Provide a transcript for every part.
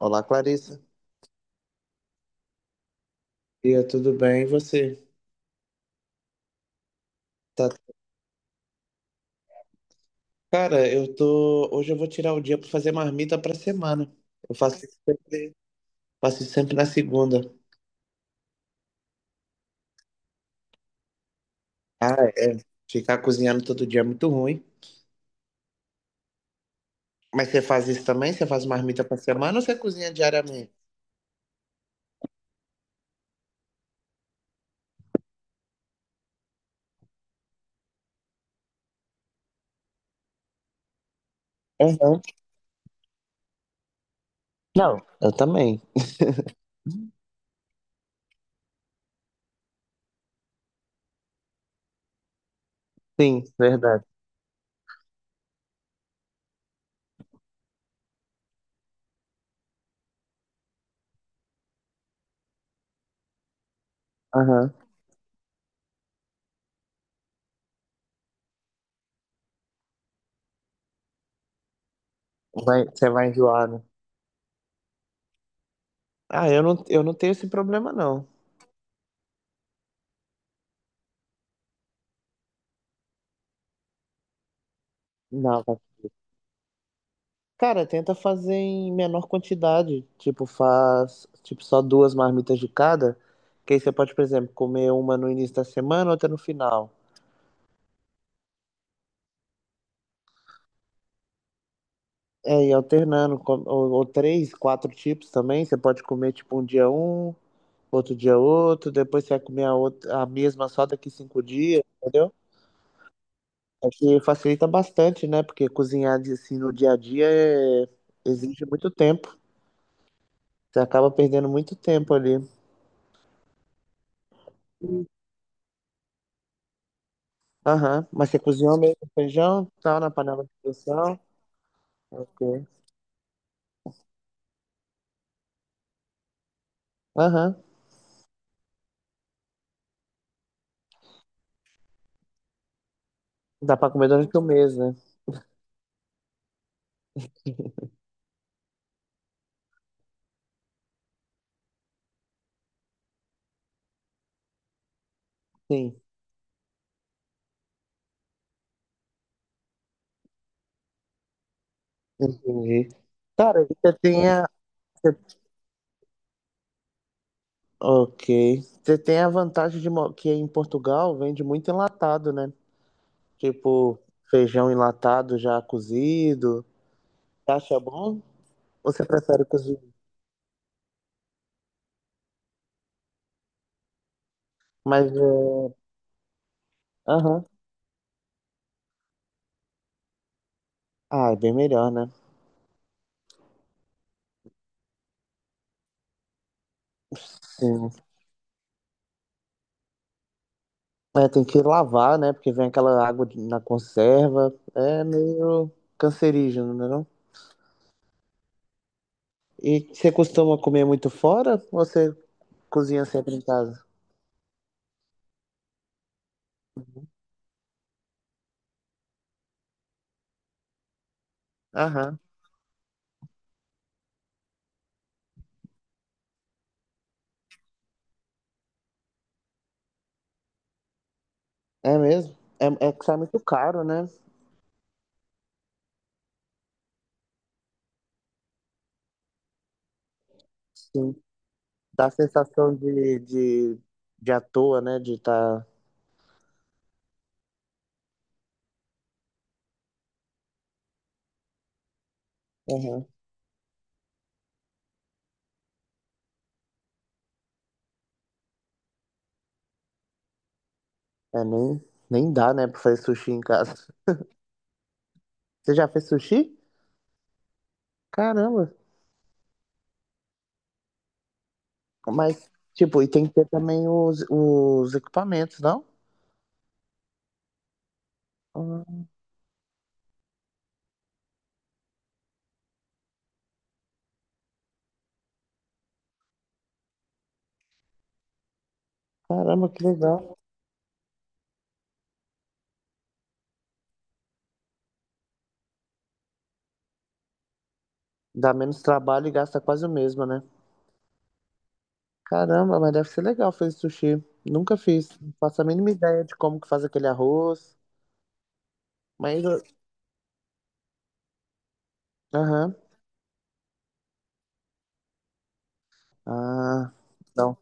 Olá, Clarissa. E tudo bem? E você? Tá... Cara, eu tô. Hoje eu vou tirar o dia pra fazer marmita pra semana. Eu faço isso sempre na segunda. Ah, é. Ficar cozinhando todo dia é muito ruim. Mas você faz isso também? Você faz marmita pra semana ou você cozinha diariamente? Uhum. Não, eu também. Sim, verdade. Aham. Vai, você vai enjoar, né? Ah, eu não tenho esse problema, não. Não. Cara, tenta fazer em menor quantidade. Tipo, faz, tipo, só duas marmitas de cada. Que aí você pode, por exemplo, comer uma no início da semana, outra no final. É, e alternando, ou três, quatro tipos também. Você pode comer, tipo, um dia um, outro dia outro, depois você vai comer a, outra, a mesma só daqui cinco dias, entendeu? É que facilita bastante, né? Porque assim no dia a dia exige muito tempo. Você acaba perdendo muito tempo ali. Aham. Mas você cozinhou mesmo o feijão, tal, na panela de pressão? Ok. Aham. Dá pra comer durante o mês, né? Sim, entendi. Cara, e você tem a... você- Ok. Você tem a vantagem de que em Portugal vende muito enlatado, né? Tipo, feijão enlatado já cozido. Você acha bom? Ou você prefere cozido? Mas, é, aham. Ah, é bem melhor, né? Sim. É, tem que lavar, né? Porque vem aquela água na conserva. É meio cancerígeno, né? Não? E você costuma comer muito fora ou você cozinha sempre em casa? Aham. É mesmo? É, é que sai muito caro, né? Sim. Dá a sensação de à toa, né? De estar. Aham. É, nem dá, né? Pra fazer sushi em casa. Você já fez sushi? Caramba. Mas, tipo, e tem que ter também os equipamentos, não? Ah, caramba, que legal. Dá menos trabalho e gasta quase o mesmo, né? Caramba, mas deve ser legal fazer sushi. Nunca fiz. Não faço a mínima ideia de como que faz aquele arroz. Mas. eu- Aham. Ah, não.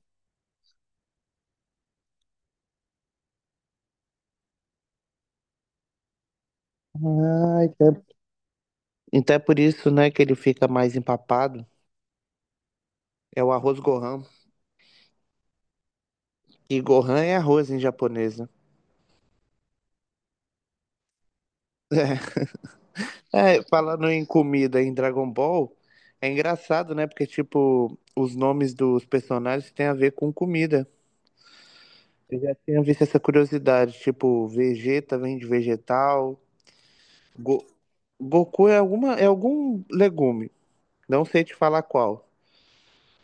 Ah, então, então é por isso, né, que ele fica mais empapado. É o arroz Gohan. E Gohan é arroz em japonês, né? É, falando em comida em Dragon Ball, é engraçado, né? Porque, tipo, os nomes dos personagens têm a ver com comida. Eu já tinha visto essa curiosidade, tipo, Vegeta vem de vegetal, Go- Goku é alguma é algum legume, não sei te falar qual.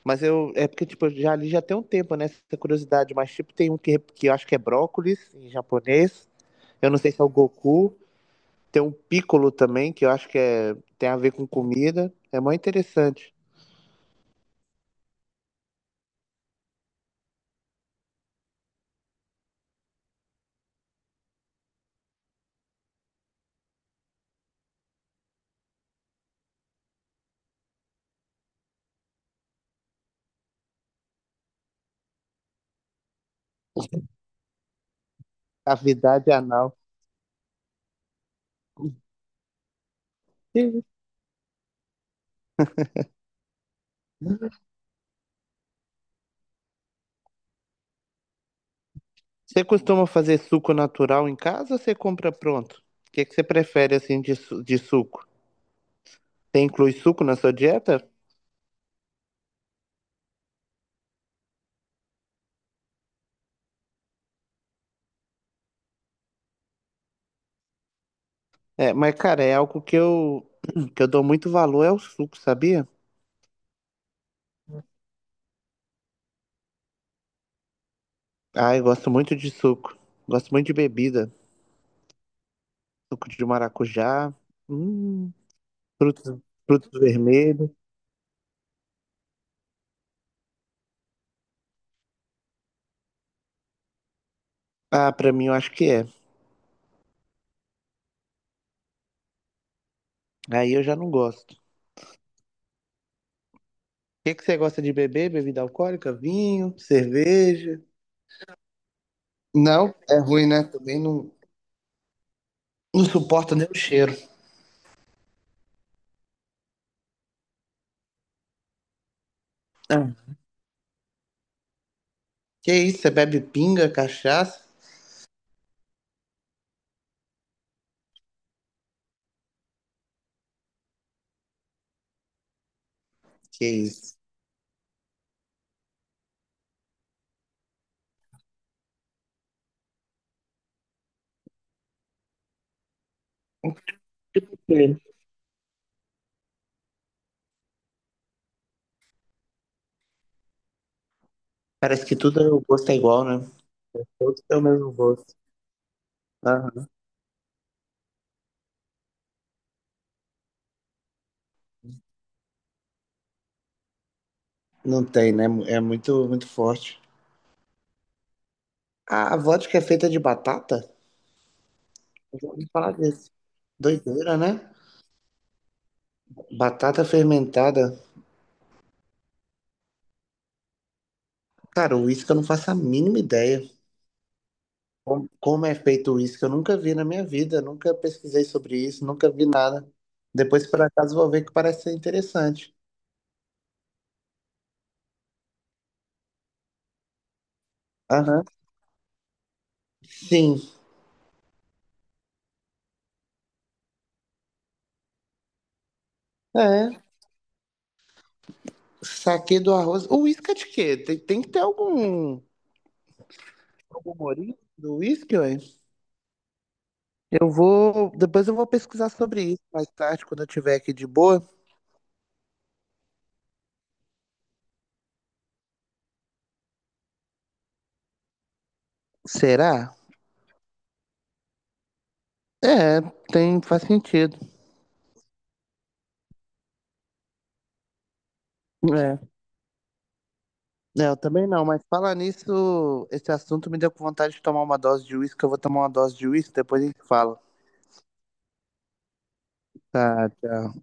Mas eu é porque tipo, eu já ali já tem um tempo né, essa curiosidade, mas tipo tem um que eu acho que é brócolis em japonês. Eu não sei se é o Goku, tem um piccolo também, que eu acho que é tem a ver com comida. É mó interessante. Cavidade anal. Sim. Você costuma fazer suco natural em casa ou você compra pronto? O que que você prefere assim de suco? Você inclui suco na sua dieta? É, mas cara, é algo que eu que eu dou muito valor é o suco, sabia? Ah, eu gosto muito de suco. Gosto muito de bebida. Suco de maracujá, hum, frutos, frutos vermelhos. Ah, pra mim eu acho que é. Aí eu já não gosto. O que que você gosta de beber? Bebida alcoólica? Vinho? Cerveja? Não, é ruim, né? Também não, não suporto nem o cheiro. Ah, que isso? Você bebe pinga, cachaça? Que isso? Sim. Parece que tudo o gosto é igual, né? Todos têm o mesmo gosto. Aham. Não tem, né? É muito, muito forte. A vodka é feita de batata? Eu já ouvi falar disso. Doideira, né? Batata fermentada. Cara, o uísque eu não faço a mínima ideia. Como é feito o uísque? Eu nunca vi na minha vida. Nunca pesquisei sobre isso. Nunca vi nada. Depois, por acaso, vou ver que parece ser interessante. Aham. Sim. É. Saquê do arroz. O uísque é de quê? Tem que ter algum, algum morinho do uísque, ué? Eu vou. Depois eu vou pesquisar sobre isso mais tarde, quando eu tiver aqui de boa. Será? É, tem, faz sentido. É. É, eu também não, mas falar nisso, esse assunto me deu com vontade de tomar uma dose de uísque. Eu vou tomar uma dose de uísque, depois a gente fala. Tá, tchau.